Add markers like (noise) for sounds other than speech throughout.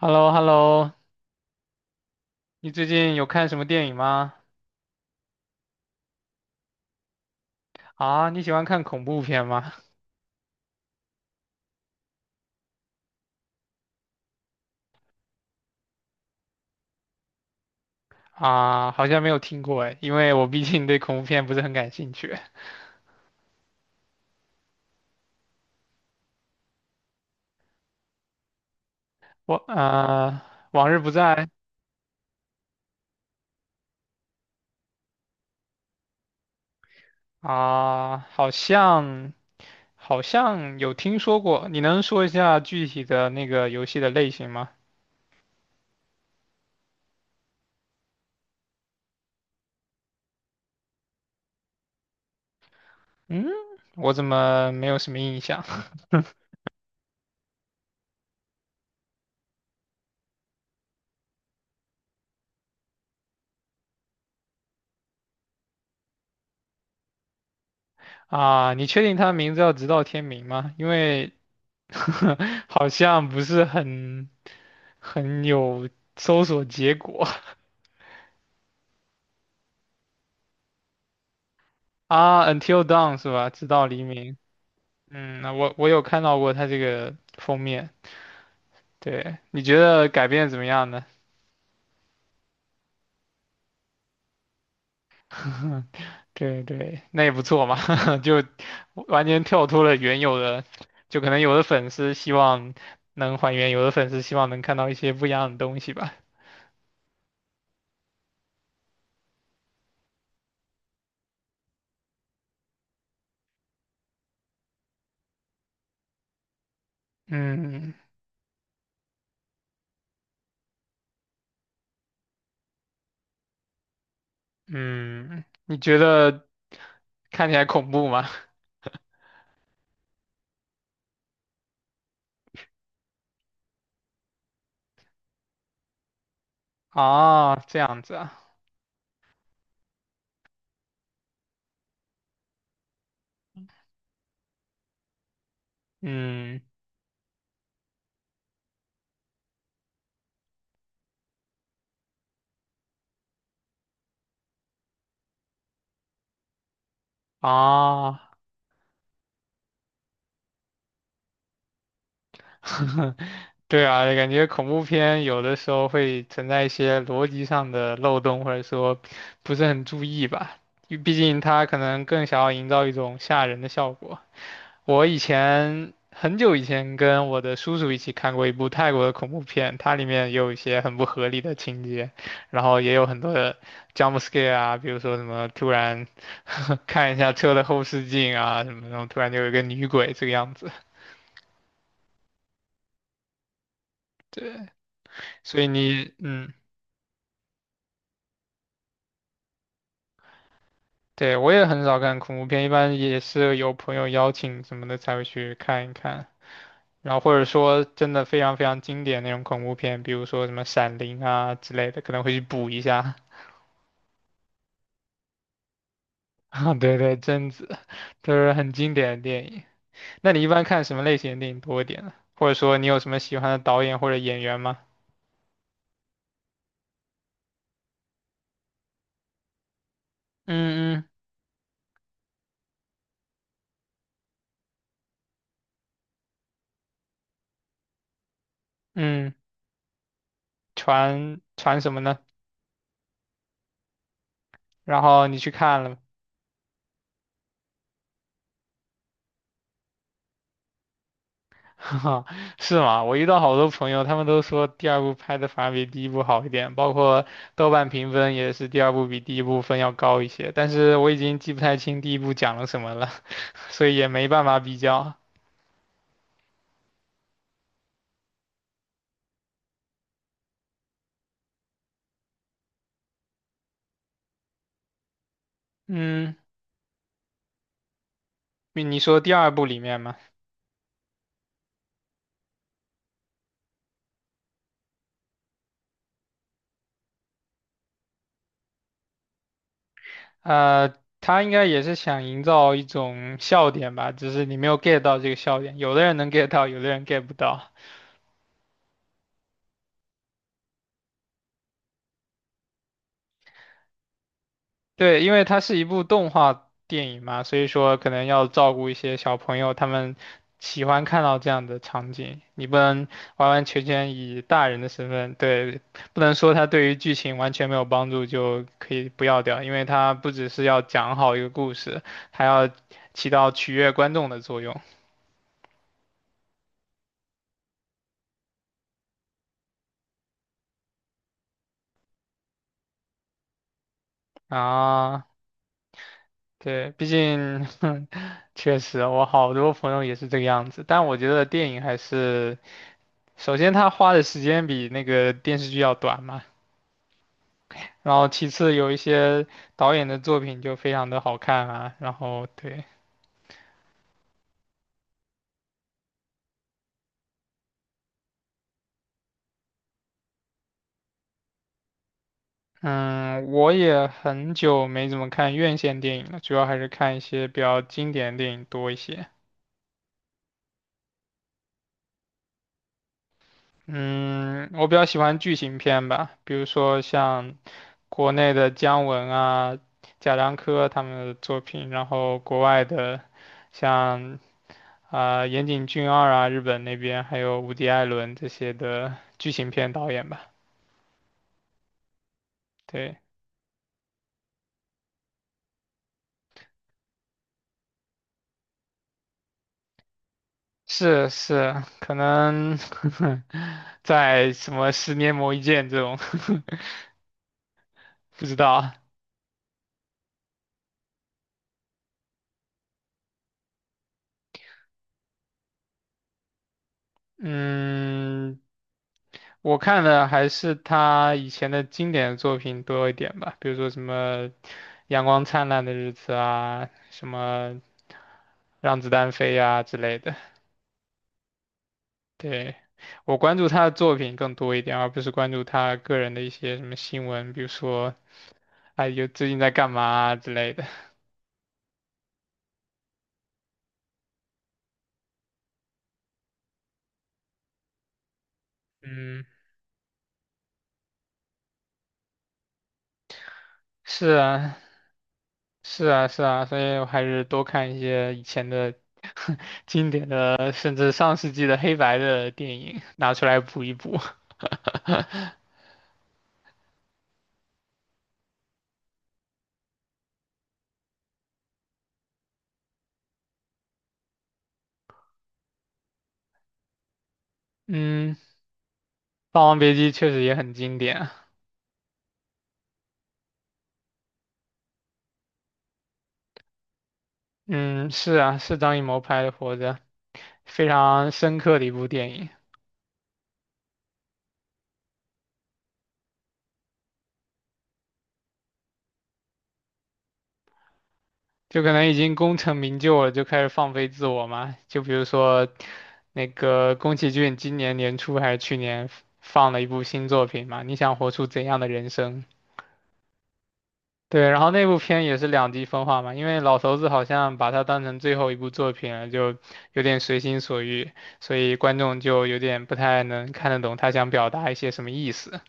h e l l o h e l l o 你最近有看什么电影吗？啊，你喜欢看恐怖片吗？啊，好像没有听过哎，因为我毕竟对恐怖片不是很感兴趣。我啊，往日不在啊，好像有听说过。你能说一下具体的那个游戏的类型吗？嗯，我怎么没有什么印象 (laughs) 啊？你确定它的名字叫《直到天明》吗？因为 (laughs) 好像不是很有搜索结果 (laughs) 啊。Until Dawn 是吧？直到黎明。嗯，那我有看到过它这个封面。对，你觉得改编得怎么样呢？(laughs) 对对，那也不错嘛，(laughs) 就完全跳脱了原有的，就可能有的粉丝希望能还原，有的粉丝希望能看到一些不一样的东西吧。嗯嗯，你觉得看起来恐怖吗？(laughs) 啊，这样子啊。嗯，啊，(laughs) 对啊，感觉恐怖片有的时候会存在一些逻辑上的漏洞，或者说不是很注意吧。因为毕竟它可能更想要营造一种吓人的效果。我以前很久以前跟我的叔叔一起看过一部泰国的恐怖片，它里面也有一些很不合理的情节，然后也有很多的 jump scare 啊，比如说什么突然 (laughs) 看一下车的后视镜啊，什么那种突然就有一个女鬼这个样子。所以你，嗯，对，我也很少看恐怖片，一般也是有朋友邀请什么的才会去看一看。然后或者说真的非常非常经典那种恐怖片，比如说什么《闪灵》啊之类的，可能会去补一下。(laughs) 啊对对，贞子都是很经典的电影。那你一般看什么类型的电影多一点呢？或者说你有什么喜欢的导演或者演员吗？嗯嗯嗯，传传什么呢？然后你去看了吗？哈，(laughs) 是吗？我遇到好多朋友，他们都说第二部拍的反而比第一部好一点，包括豆瓣评分也是第二部比第一部分要高一些。但是我已经记不太清第一部讲了什么了，(laughs) 所以也没办法比较。嗯，你你说第二部里面嘛，呃，他应该也是想营造一种笑点吧，只是你没有 get 到这个笑点。有的人能 get 到，有的人 get 不到。对，因为它是一部动画电影嘛，所以说可能要照顾一些小朋友，他们喜欢看到这样的场景。你不能完完全全以大人的身份，对，不能说它对于剧情完全没有帮助就可以不要掉，因为它不只是要讲好一个故事，还要起到取悦观众的作用啊。对，毕竟，(laughs) 确实，我好多朋友也是这个样子，但我觉得电影还是。首先，他花的时间比那个电视剧要短嘛，然后其次有一些导演的作品就非常的好看啊，然后对，嗯，我也很久没怎么看院线电影了，主要还是看一些比较经典的电影多一些。嗯，我比较喜欢剧情片吧，比如说像国内的姜文啊、贾樟柯他们的作品，然后国外的像啊、岩井俊二啊，日本那边还有无敌艾伦这些的剧情片导演吧。对，是是，可能 (laughs) 在什么十年磨一剑这种 (laughs) 不知道。嗯，我看的还是他以前的经典作品多一点吧，比如说什么《阳光灿烂的日子》啊，什么《让子弹飞》呀之类的。对，我关注他的作品更多一点，而不是关注他个人的一些什么新闻，比如说，哎，有最近在干嘛啊之类的。嗯，(laughs) 是啊，是啊，是啊，所以我还是多看一些以前的 (laughs) 经典的，甚至上世纪的黑白的电影，拿出来补一补。(laughs) 嗯，《霸王别姬》确实也很经典啊嗯，是啊，是张艺谋拍的《活着》，非常深刻的一部电影。就可能已经功成名就了，就开始放飞自我嘛。就比如说，那个宫崎骏今年年初还是去年放了一部新作品嘛，你想活出怎样的人生？对，然后那部片也是两极分化嘛，因为老头子好像把它当成最后一部作品了，就有点随心所欲，所以观众就有点不太能看得懂他想表达一些什么意思。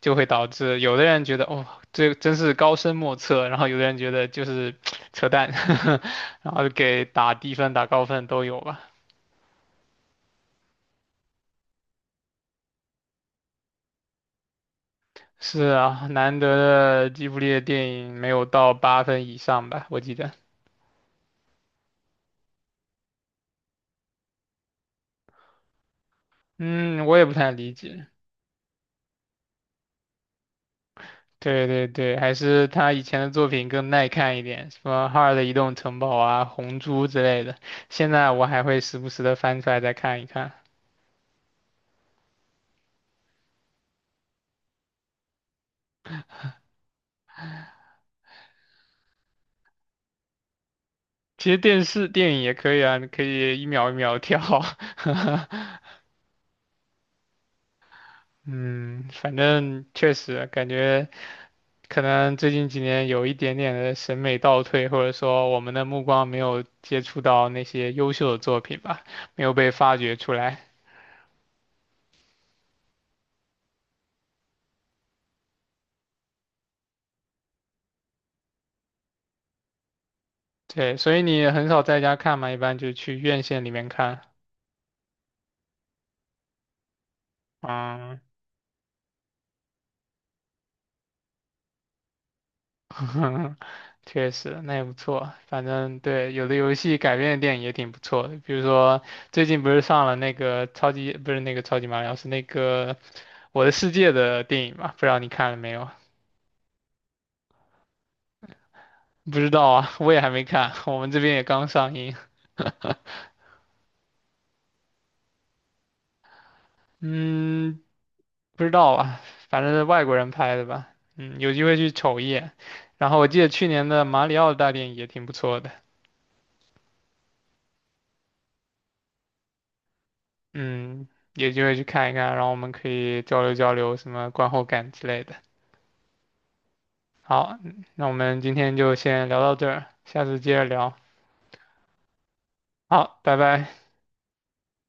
就会导致有的人觉得哦，这真是高深莫测，然后有的人觉得就是 (tsk) 扯淡，(laughs) 然后给打低分、打高分都有吧。是啊，难得的吉卜力的电影没有到8分以上吧，我记得。嗯，我也不太理解。对对对，还是他以前的作品更耐看一点，什么《哈尔的移动城堡》啊、《红猪》之类的。现在我还会时不时的翻出来再看一看。其实电视电影也可以啊，你可以一秒一秒跳。(laughs) 嗯，反正确实感觉可能最近几年有一点点的审美倒退，或者说我们的目光没有接触到那些优秀的作品吧，没有被发掘出来。对，所以你也很少在家看嘛，一般就去院线里面看。嗯，(laughs) 确实，那也不错。反正对，有的游戏改编的电影也挺不错的，比如说最近不是上了那个超级，不是那个超级马里奥，是那个《我的世界》的电影嘛，不知道你看了没有？不知道啊，我也还没看，我们这边也刚上映。嗯，不知道啊，反正是外国人拍的吧。嗯，有机会去瞅一眼。然后我记得去年的马里奥大电影也挺不错的。嗯，有机会去看一看，然后我们可以交流交流什么观后感之类的。好，那我们今天就先聊到这儿，下次接着聊。好，拜拜。